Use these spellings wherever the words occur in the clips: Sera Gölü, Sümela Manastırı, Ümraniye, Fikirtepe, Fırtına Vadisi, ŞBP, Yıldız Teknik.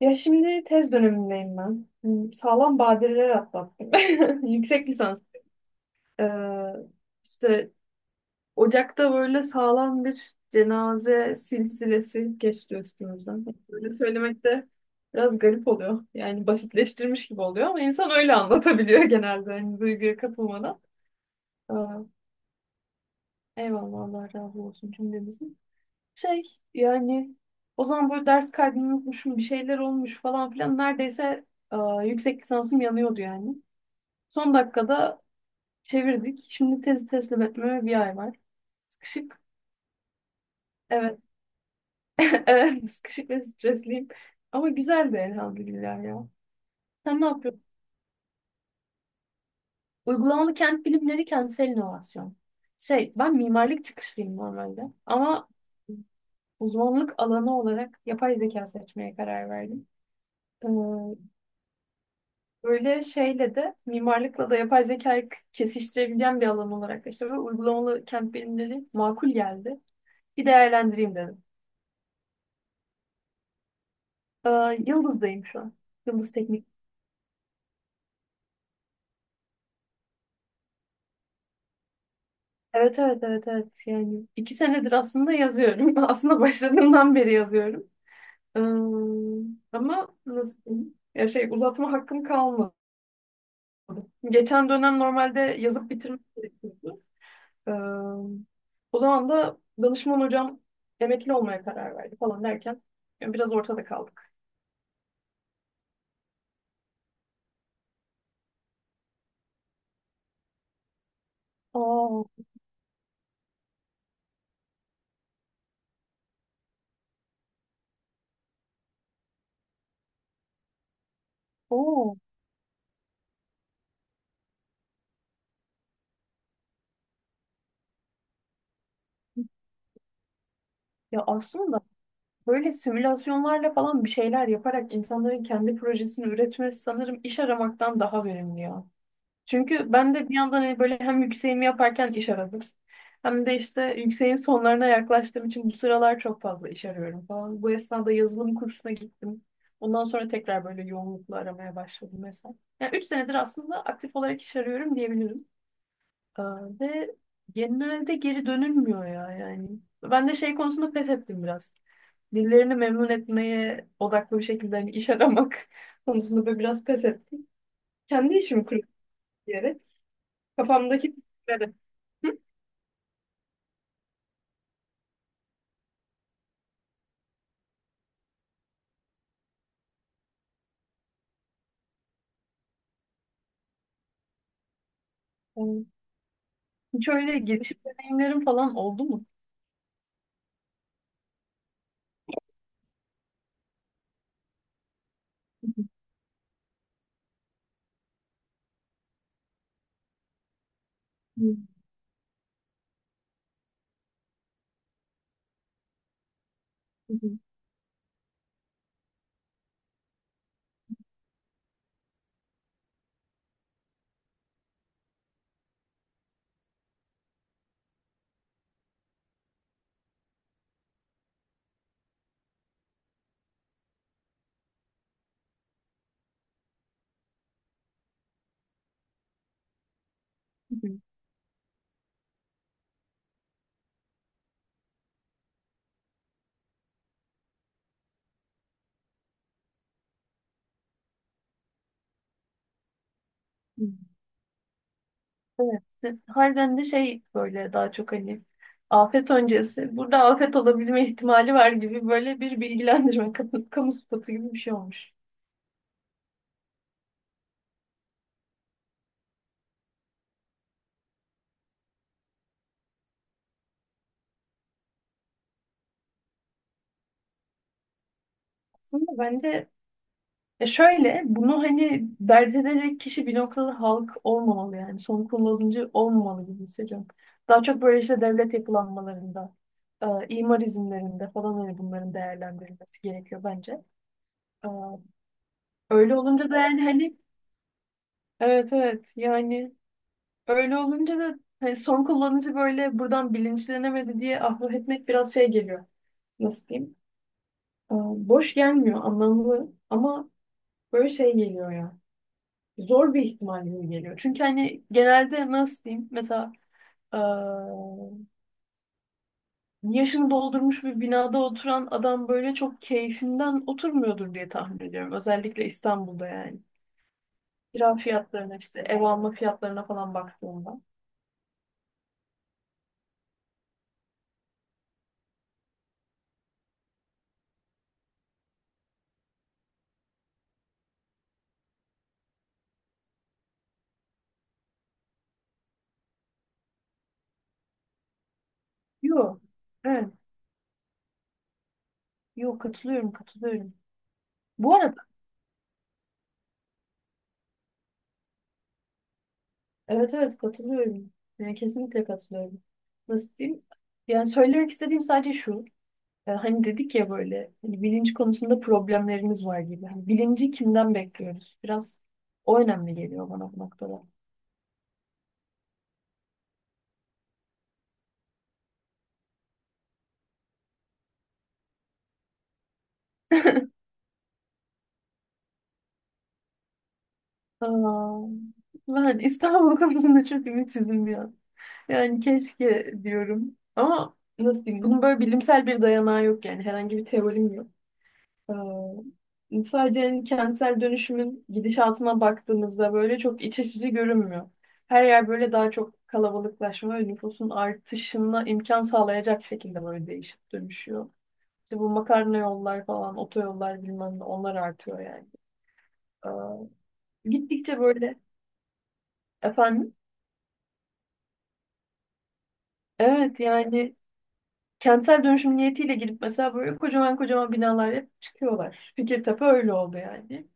Ya şimdi tez dönemindeyim ben. Sağlam badireler atlattım. Yüksek lisans. Ee, işte Ocak'ta böyle sağlam bir cenaze silsilesi geçti üstümüzden. Böyle söylemek de biraz garip oluyor. Yani basitleştirmiş gibi oluyor ama insan öyle anlatabiliyor genelde. Yani duyguya kapılmadan. Ee, eyvallah, Allah razı olsun cümlemizin. Şey yani o zaman böyle ders kaydını unutmuşum, bir şeyler olmuş falan filan, neredeyse e, yüksek lisansım yanıyordu yani. Son dakikada çevirdik. Şimdi tezi teslim etmeme bir ay var. Sıkışık. Evet. Evet, sıkışık ve stresliyim. Ama güzel güzeldi elhamdülillah ya. Sen ne yapıyorsun? Uygulamalı kent bilimleri, kentsel inovasyon. Ben mimarlık çıkışlıyım normalde, ama uzmanlık alanı olarak yapay zeka seçmeye karar verdim. Ee, Böyle şeyle de mimarlıkla da yapay zekayı kesiştirebileceğim bir alan olarak işte ve uygulamalı kent bilimleri makul geldi. Bir değerlendireyim dedim. Yıldız'dayım şu an. Yıldız Teknik. Evet evet evet evet, yani iki senedir aslında yazıyorum. Aslında başladığımdan beri yazıyorum. Ee, ama nasıl diyeyim? Ya uzatma hakkım kalmadı. Geçen dönem normalde yazıp bitirmek gerekiyordu. Ee, o zaman da danışman hocam emekli olmaya karar verdi falan derken yani biraz ortada kaldık. Oo, oo. Ya aslında böyle simülasyonlarla falan bir şeyler yaparak insanların kendi projesini üretmesi, sanırım iş aramaktan daha verimli ya. Çünkü ben de bir yandan hani böyle hem yükseğimi yaparken iş aradım. Hem de işte yükseğin sonlarına yaklaştığım için bu sıralar çok fazla iş arıyorum falan. Bu esnada yazılım kursuna gittim. Ondan sonra tekrar böyle yoğunlukla aramaya başladım mesela. Yani 3 senedir aslında aktif olarak iş arıyorum diyebilirim. Ee, ve genelde geri dönülmüyor ya yani. Ben de şey konusunda pes ettim biraz. Birilerini memnun etmeye odaklı bir şekilde hani iş aramak konusunda böyle biraz pes ettim. Kendi işimi kurup kafamdaki fikirleri. Hı? Yani hiç öyle giriş deneyimlerim falan oldu mu? Hı, hı, hı, hı, hı. Hı. Evet. işte harbiden de şey böyle daha çok hani afet öncesi. Burada afet olabilme ihtimali var gibi böyle bir bilgilendirme, kamu spotu gibi bir şey olmuş. Aslında bence ya şöyle, bunu hani dert edecek kişi bir noktada halk olmamalı, yani son kullanıcı olmamalı gibi hissediyorum. Daha çok böyle işte devlet yapılanmalarında, imar izinlerinde falan, hani bunların değerlendirilmesi gerekiyor bence. E, öyle olunca da yani hani, evet evet yani, öyle olunca da hani son kullanıcı böyle buradan bilinçlenemedi diye ahlak etmek biraz şey geliyor. Nasıl diyeyim? E, boş gelmiyor, anlamlı, ama böyle şey geliyor ya. Zor bir ihtimal gibi geliyor. Çünkü hani genelde nasıl diyeyim, mesela eee, yaşını doldurmuş bir binada oturan adam böyle çok keyfinden oturmuyordur diye tahmin ediyorum. Özellikle İstanbul'da yani. Kira fiyatlarına, işte ev alma fiyatlarına falan baktığımda. Yok. Evet. Yok, katılıyorum katılıyorum. Bu arada evet evet katılıyorum. Yani kesinlikle katılıyorum. Nasıl diyeyim? Yani söylemek istediğim sadece şu. E, hani dedik ya böyle, hani bilinç konusunda problemlerimiz var gibi. Hani bilinci kimden bekliyoruz? Biraz o önemli geliyor bana bu noktada. Aa, ben İstanbul konusunda çok ümitsizim bir an. Yani keşke diyorum. Ama nasıl diyeyim? Bunun böyle bilimsel bir dayanağı yok yani. Herhangi bir teorim yok. Sadece hani kentsel dönüşümün gidişatına baktığımızda böyle çok iç açıcı görünmüyor. Her yer böyle daha çok kalabalıklaşma ve nüfusun artışına imkan sağlayacak şekilde böyle değişip dönüşüyor. İşte bu makarna yollar falan, otoyollar, bilmem ne, onlar artıyor yani. Gittikçe böyle efendim, evet yani, kentsel dönüşüm niyetiyle girip mesela böyle kocaman kocaman binalar yapıp çıkıyorlar. Fikirtepe öyle oldu yani.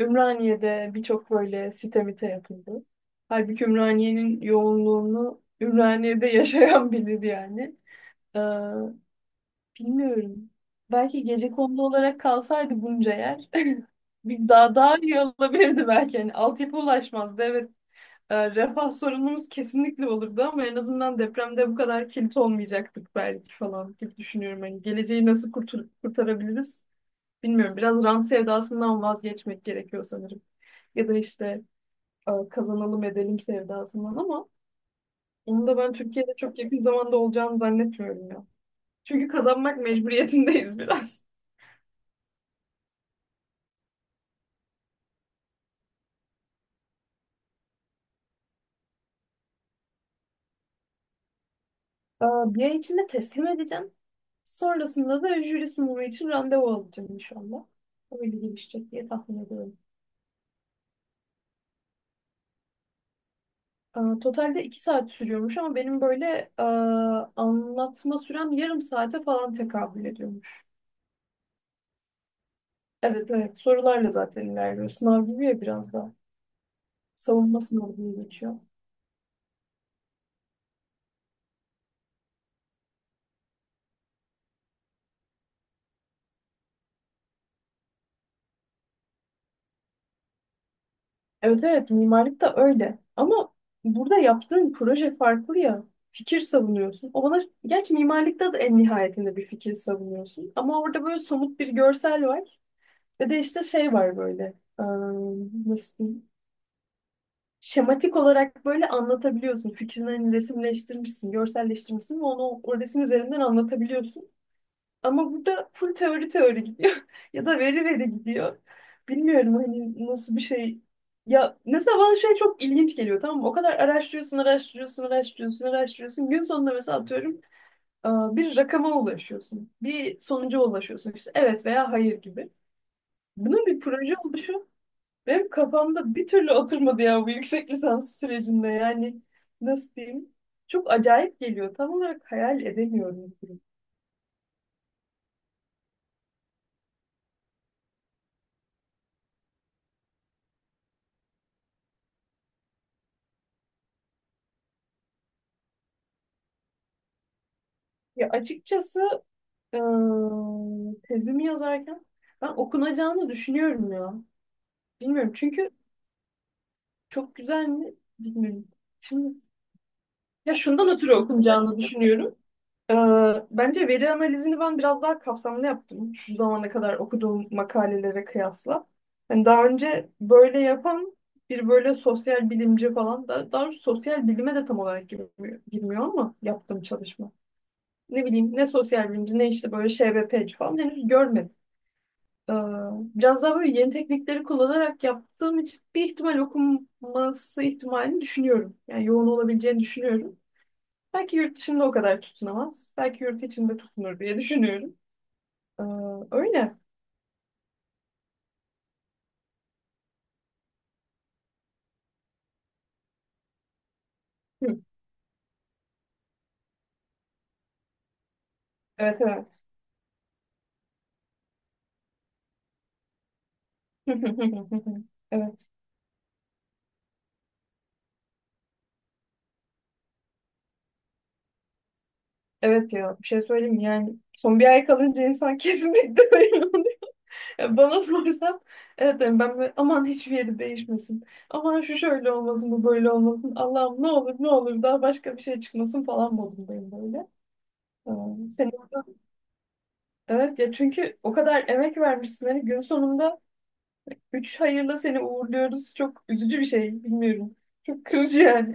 Ee, Ümraniye'de birçok böyle site mite yapıldı. Halbuki Ümraniye'nin yoğunluğunu Ümraniye'de yaşayan bilir yani. Ee, bilmiyorum. Belki gecekondu olarak kalsaydı bunca yer bir daha iyi olabilirdi belki. Yani altyapı ulaşmazdı. Evet. Refah sorunumuz kesinlikle olurdu, ama en azından depremde bu kadar kilit olmayacaktık belki falan gibi düşünüyorum. Hani geleceği nasıl kurtarabiliriz? Bilmiyorum. Biraz rant sevdasından vazgeçmek gerekiyor sanırım, ya da işte kazanalım edelim sevdasından, ama onu da ben Türkiye'de çok yakın zamanda olacağını zannetmiyorum ya. Çünkü kazanmak mecburiyetindeyiz biraz. E, bir ay içinde teslim edeceğim. Sonrasında da jüri sunumu için randevu alacağım inşallah. Öyle gelişecek diye tahmin ediyorum. E, totalde iki saat sürüyormuş ama benim böyle e, anlatma sürem yarım saate falan tekabül ediyormuş. Evet evet, sorularla zaten ilerliyor. Sınav gibi ya biraz da. Savunma sınavı diye geçiyor. Evet evet, mimarlık da öyle. Ama burada yaptığın proje farklı ya. Fikir savunuyorsun. O bana, gerçi mimarlıkta da en nihayetinde bir fikir savunuyorsun. Ama orada böyle somut bir görsel var. Ve de işte şey var böyle. ıı, nasıl diyeyim? Şematik olarak böyle anlatabiliyorsun. Fikrini hani resimleştirmişsin, görselleştirmişsin ve onu o resim üzerinden anlatabiliyorsun. Ama burada full teori teori gidiyor ya da veri veri gidiyor. Bilmiyorum hani nasıl bir şey. Ya mesela bana şey çok ilginç geliyor, tamam mı? O kadar araştırıyorsun, araştırıyorsun, araştırıyorsun, araştırıyorsun. Gün sonunda mesela atıyorum bir rakama ulaşıyorsun. Bir sonuca ulaşıyorsun işte, evet veya hayır gibi. Bunun bir proje oluşu benim kafamda bir türlü oturmadı ya bu yüksek lisans sürecinde. Yani nasıl diyeyim? Çok acayip geliyor. Tam olarak hayal edemiyorum. Ya açıkçası Ee, tezimi yazarken ben okunacağını düşünüyorum ya. Bilmiyorum, çünkü çok güzel mi bilmiyorum. Şimdi ya şundan ötürü okunacağını düşünüyorum. Ee, bence veri analizini ben biraz daha kapsamlı yaptım. Şu zamana kadar okuduğum makalelere kıyasla. Hani daha önce böyle yapan bir böyle sosyal bilimci falan da, daha doğrusu sosyal bilime de tam olarak girmiyor ama yaptığım çalışma. Ne bileyim, ne sosyal bilimci ne işte böyle ŞBP'ci falan henüz görmedim. Ee, biraz daha böyle yeni teknikleri kullanarak yaptığım için bir ihtimal okunması ihtimalini düşünüyorum. Yani yoğun olabileceğini düşünüyorum. Belki yurt dışında o kadar tutunamaz. Belki yurt içinde tutunur diye düşünüyorum. Ee, öyle. Hı. Evet evet. Evet. Evet, ya bir şey söyleyeyim mi? Yani son bir ay kalınca insan kesinlikle öyle. Ya bana sorarsan, evet derim ben böyle, aman hiçbir yeri değişmesin. Aman şu şöyle olmasın, bu böyle olmasın. Allah'ım ne olur ne olur daha başka bir şey çıkmasın falan modundayım böyle. Senin, evet ya, çünkü o kadar emek vermişsin hani gün sonunda üç hayırla seni uğurluyoruz. Çok üzücü bir şey, bilmiyorum. Çok kırıcı yani.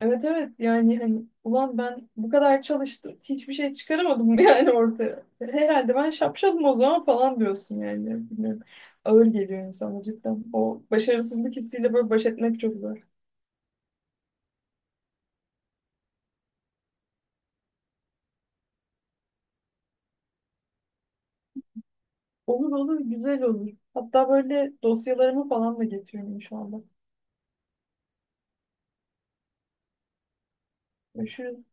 Evet evet, yani hani ulan ben bu kadar çalıştım hiçbir şey çıkaramadım yani ortaya. Herhalde ben şapşalım o zaman falan diyorsun yani. Bilmiyorum. Ağır geliyor insana cidden. O başarısızlık hissiyle böyle baş etmek çok zor. Olur olur, güzel olur. Hatta böyle dosyalarımı falan da getiriyorum inşallah. Görüşürüz.